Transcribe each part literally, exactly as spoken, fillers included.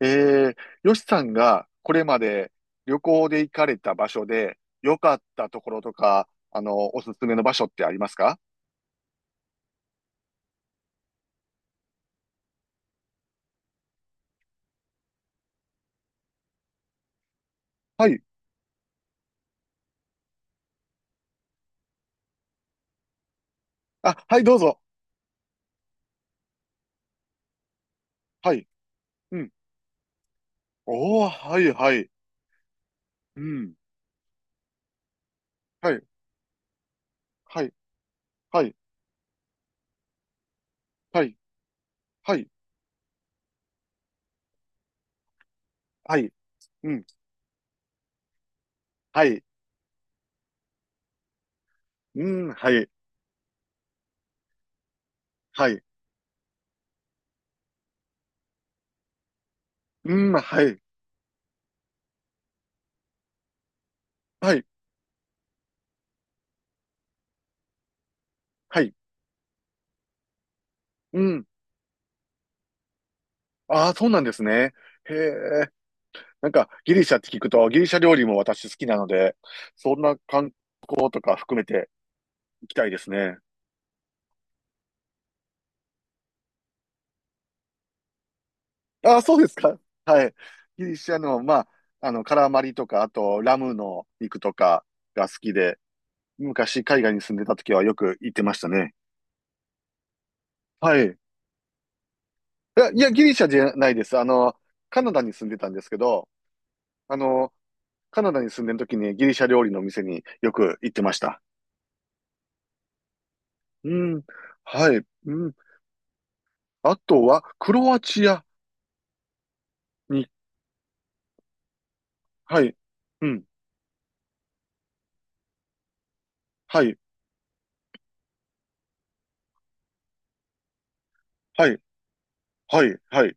ええ。よしさんがこれまで旅行で行かれた場所で良かったところとか、あの、おすすめの場所ってありますか？はい。あ、はい、どうぞ。はい。うん。おー、はい、はい。うん。はい、はい、はい、はい、はい、はい。うん、はい、うん、はい、はい、うん、はい、はい、はい、うん。ああ、そうなんですね。へえ。なんかギリシャって聞くとギリシャ料理も私好きなので、そんな観光とか含めて行きたいですね。ああ、そうですか。はい。ギリシャの、まあ、あの、カラマリとか、あと、ラムの肉とかが好きで、昔海外に住んでた時はよく行ってましたね。はい。いや、いやギリシャじゃないです。あの、カナダに住んでたんですけど、あの、カナダに住んでる時にギリシャ料理の店によく行ってました。うん。はい。うん。あとは、クロアチアに、はい。うん。はい。はい。はい。はい。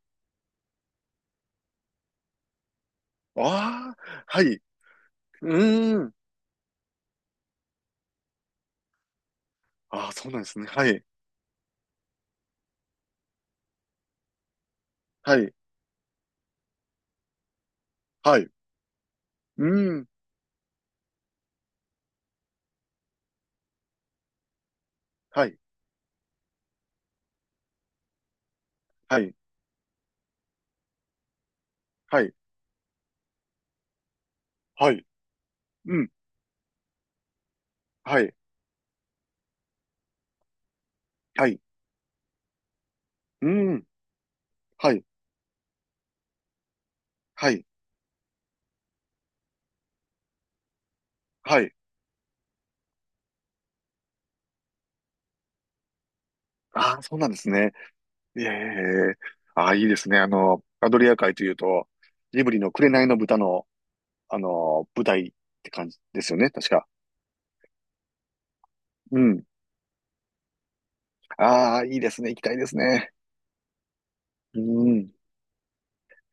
ああ、はい。うーん。ああ、そうなんですね。はい。はい。はい。うん。はい。はい。はい。はい。うん。はい。はい。うん。はい。はい。はい。ああ、そうなんですね。ええ。ああ、いいですね。あの、アドリア海というと、ジブリの紅の豚の、あの、舞台って感じですよね。確か。うん。ああ、いいですね。行きたいですね。うん。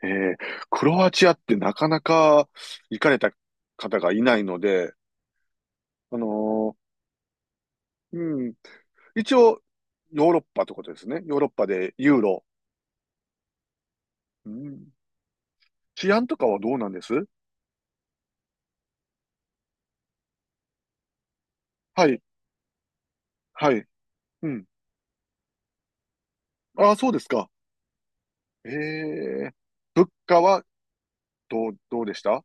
ええ。クロアチアってなかなか行かれた方がいないので、あのーうん、一応、ヨーロッパってことですね。ヨーロッパでユーロ。うん。治安とかはどうなんです？はい、はい。うん。ああ、そうですか。ええ。物価はどう、どうでした？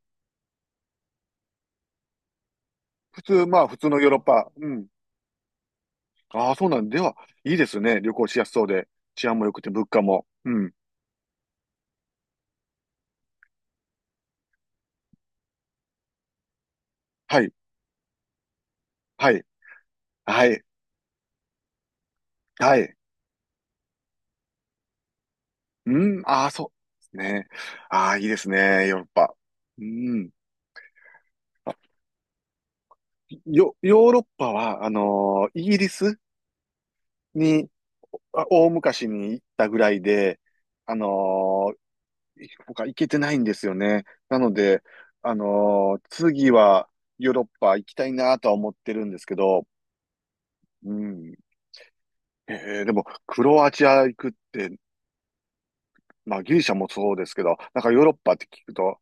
普通、まあ、普通のヨーロッパ。うん。ああ、そうなんでは、いいですね。旅行しやすそうで。治安も良くて物価も。うん。はい、はい、はい、はい。うん。ああ、そうですね。ああ、いいですね。ヨーロッパ。うん。あ、ヨ、ヨーロッパは、あのーイギリスにあ大昔に行ったぐらいで、あのー他行けてないんですよね。なので、あのー次はヨーロッパ行きたいなとは思ってるんですけど、うん。えーでも、クロアチア行くって、まあギリシャもそうですけど、なんかヨーロッパって聞くと、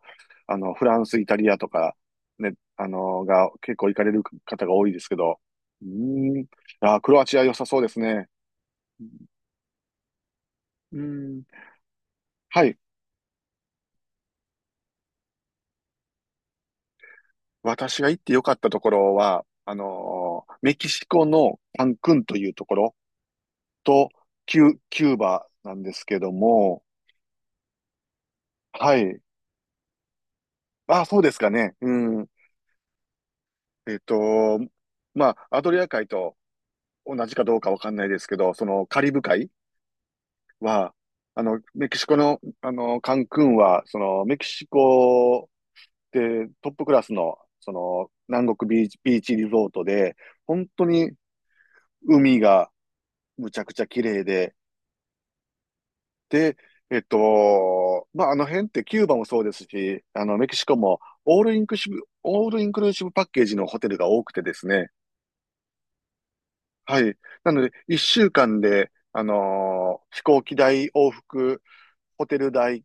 あの、フランス、イタリアとか、ね、あのーが結構行かれる方が多いですけど、うん。あー、クロアチア良さそうですね。うん。はい。私が行って良かったところは、あのーメキシコのカンクンというところと、キュ、キューバなんですけども、はい。あ、そうですかね。うん。えっと、まあ、アドリア海と同じかどうかわかんないですけど、そのカリブ海は、あの、メキシコの、あの、カンクンは、その、メキシコでトップクラスの、その、南国ビーチ、ビーチリゾートで、本当に海がむちゃくちゃ綺麗で、で、えっと、まあ、あの辺ってキューバもそうですし、あの、メキシコもオールインクルーシブ、オールインクルーシブパッケージのホテルが多くてですね。はい。なので、一週間で、あのー飛行機代、往復、ホテル代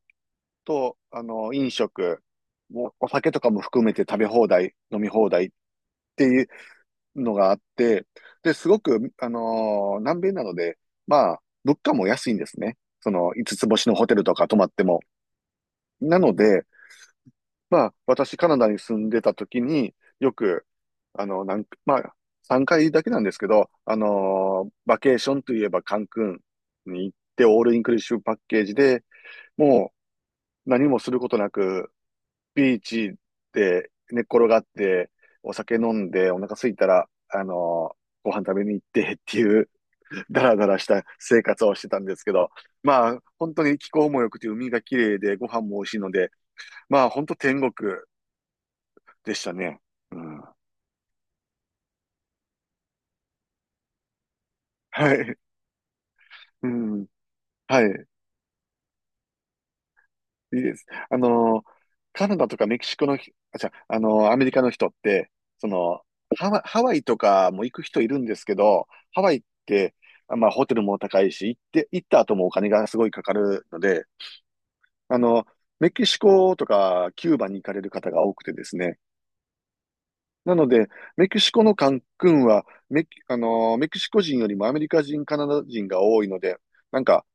と、あのー飲食、もお酒とかも含めて食べ放題、飲み放題っていうのがあって、で、すごく、あのー南米なので、まあ、物価も安いんですね。その、五つ星のホテルとか泊まっても。なので、まあ、私、カナダに住んでた時に、よく、あの、なんか、まあ、さんかいだけなんですけど、あのーバケーションといえばカンクンに行って、オールインクルーシブパッケージで、もう何もすることなく、ビーチで寝っ転がって、お酒飲んで、お腹空いたら、あのーご飯食べに行ってっていう、だらだらした生活をしてたんですけど、まあ、本当に気候も良くて、海が綺麗で、ご飯も美味しいので、まあ、本当天国でしたね。うん。はい。うん。はい。いいです。あの、カナダとかメキシコのひ、あ、じゃあ、あの、アメリカの人って、その、ハワイ、ハワイとかも行く人いるんですけど、ハワイって、あまあ、ホテルも高いし、行って、行った後もお金がすごいかかるので、あの、メキシコとかキューバに行かれる方が多くてですね。なので、メキシコのカンクンはメキ、あの、メキシコ人よりもアメリカ人、カナダ人が多いので、なんか、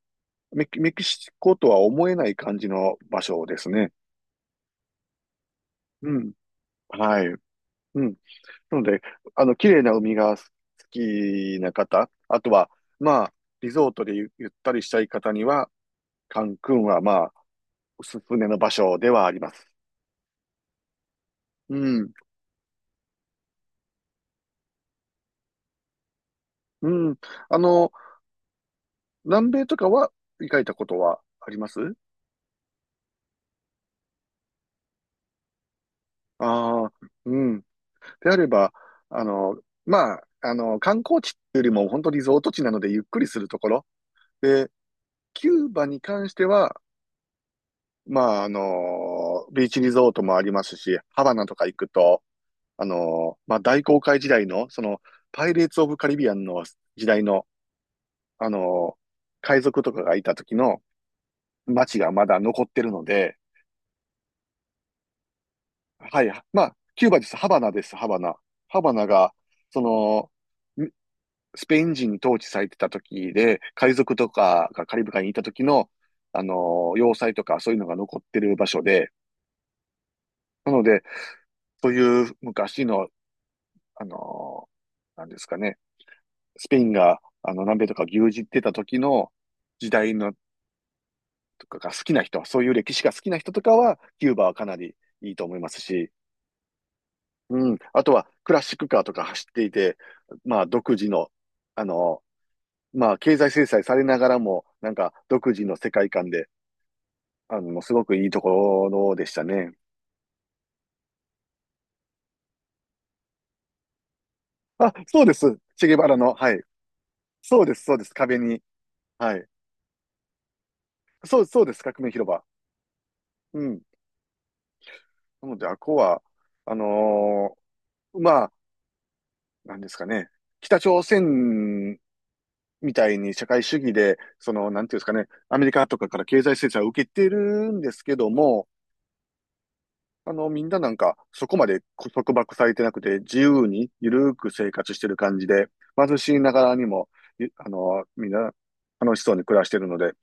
メキ、メキシコとは思えない感じの場所ですね。うん。はい。うん。なので、あの、綺麗な海が好きな方、あとは、まあ、リゾートでゆ、ゆったりしたい方には、カンクンは、まあ、おすすめの場所ではあります。うん。うん。あの、南米とかは行かれたことはあります？ああ、うん。であれば、あの、まあ、あの、観光地っていうよりも、本当リゾート地なので、ゆっくりするところ。で、キューバに関しては、まあ、あの、ビーチリゾートもありますし、ハバナとか行くと、あの、まあ、大航海時代の、その、パイレーツ・オブ・カリビアンの時代の、あの、海賊とかがいた時の街がまだ残ってるので、はい、まあ、キューバです。ハバナです、ハバナ。ハバナが、その、んスペイン人に統治されてた時で、海賊とかがカリブ海にいた時の、あの、要塞とかそういうのが残ってる場所で、なので、そういう昔の、あのなんですかね、スペインが、あの、南米とか牛耳ってた時の時代のとかが好きな人、そういう歴史が好きな人とかは、キューバはかなりいいと思いますし、うん。あとは、クラシックカーとか走っていて、まあ、独自の、あのまあ、経済制裁されながらも、なんか、独自の世界観で、あの、すごくいいところでしたね。あ、そうです。チェゲバラの、はい。そうです、そうです。壁に。はい。そう、そうです。革命広場。うん。なので、あこは、あのーまあ、なんですかね、北朝鮮みたいに社会主義で、その、なんていうんですかね、アメリカとかから経済制裁を受けてるんですけども、あの、みんななんか、そこまで束縛されてなくて、自由に、ゆるく生活してる感じで、貧しいながらにも、いあの、みんな、楽しそうに暮らしてるので、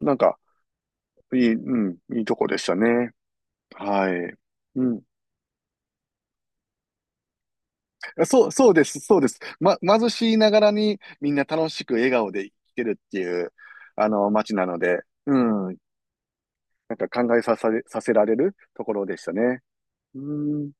なんか、いい、うん、いいとこでしたね。はい。うん。そう、そうです、そうです。ま、貧しいながらにみんな楽しく笑顔で生きてるっていう、あの、街なので、うん、なんか考えさせ、させられるところでしたね。うん。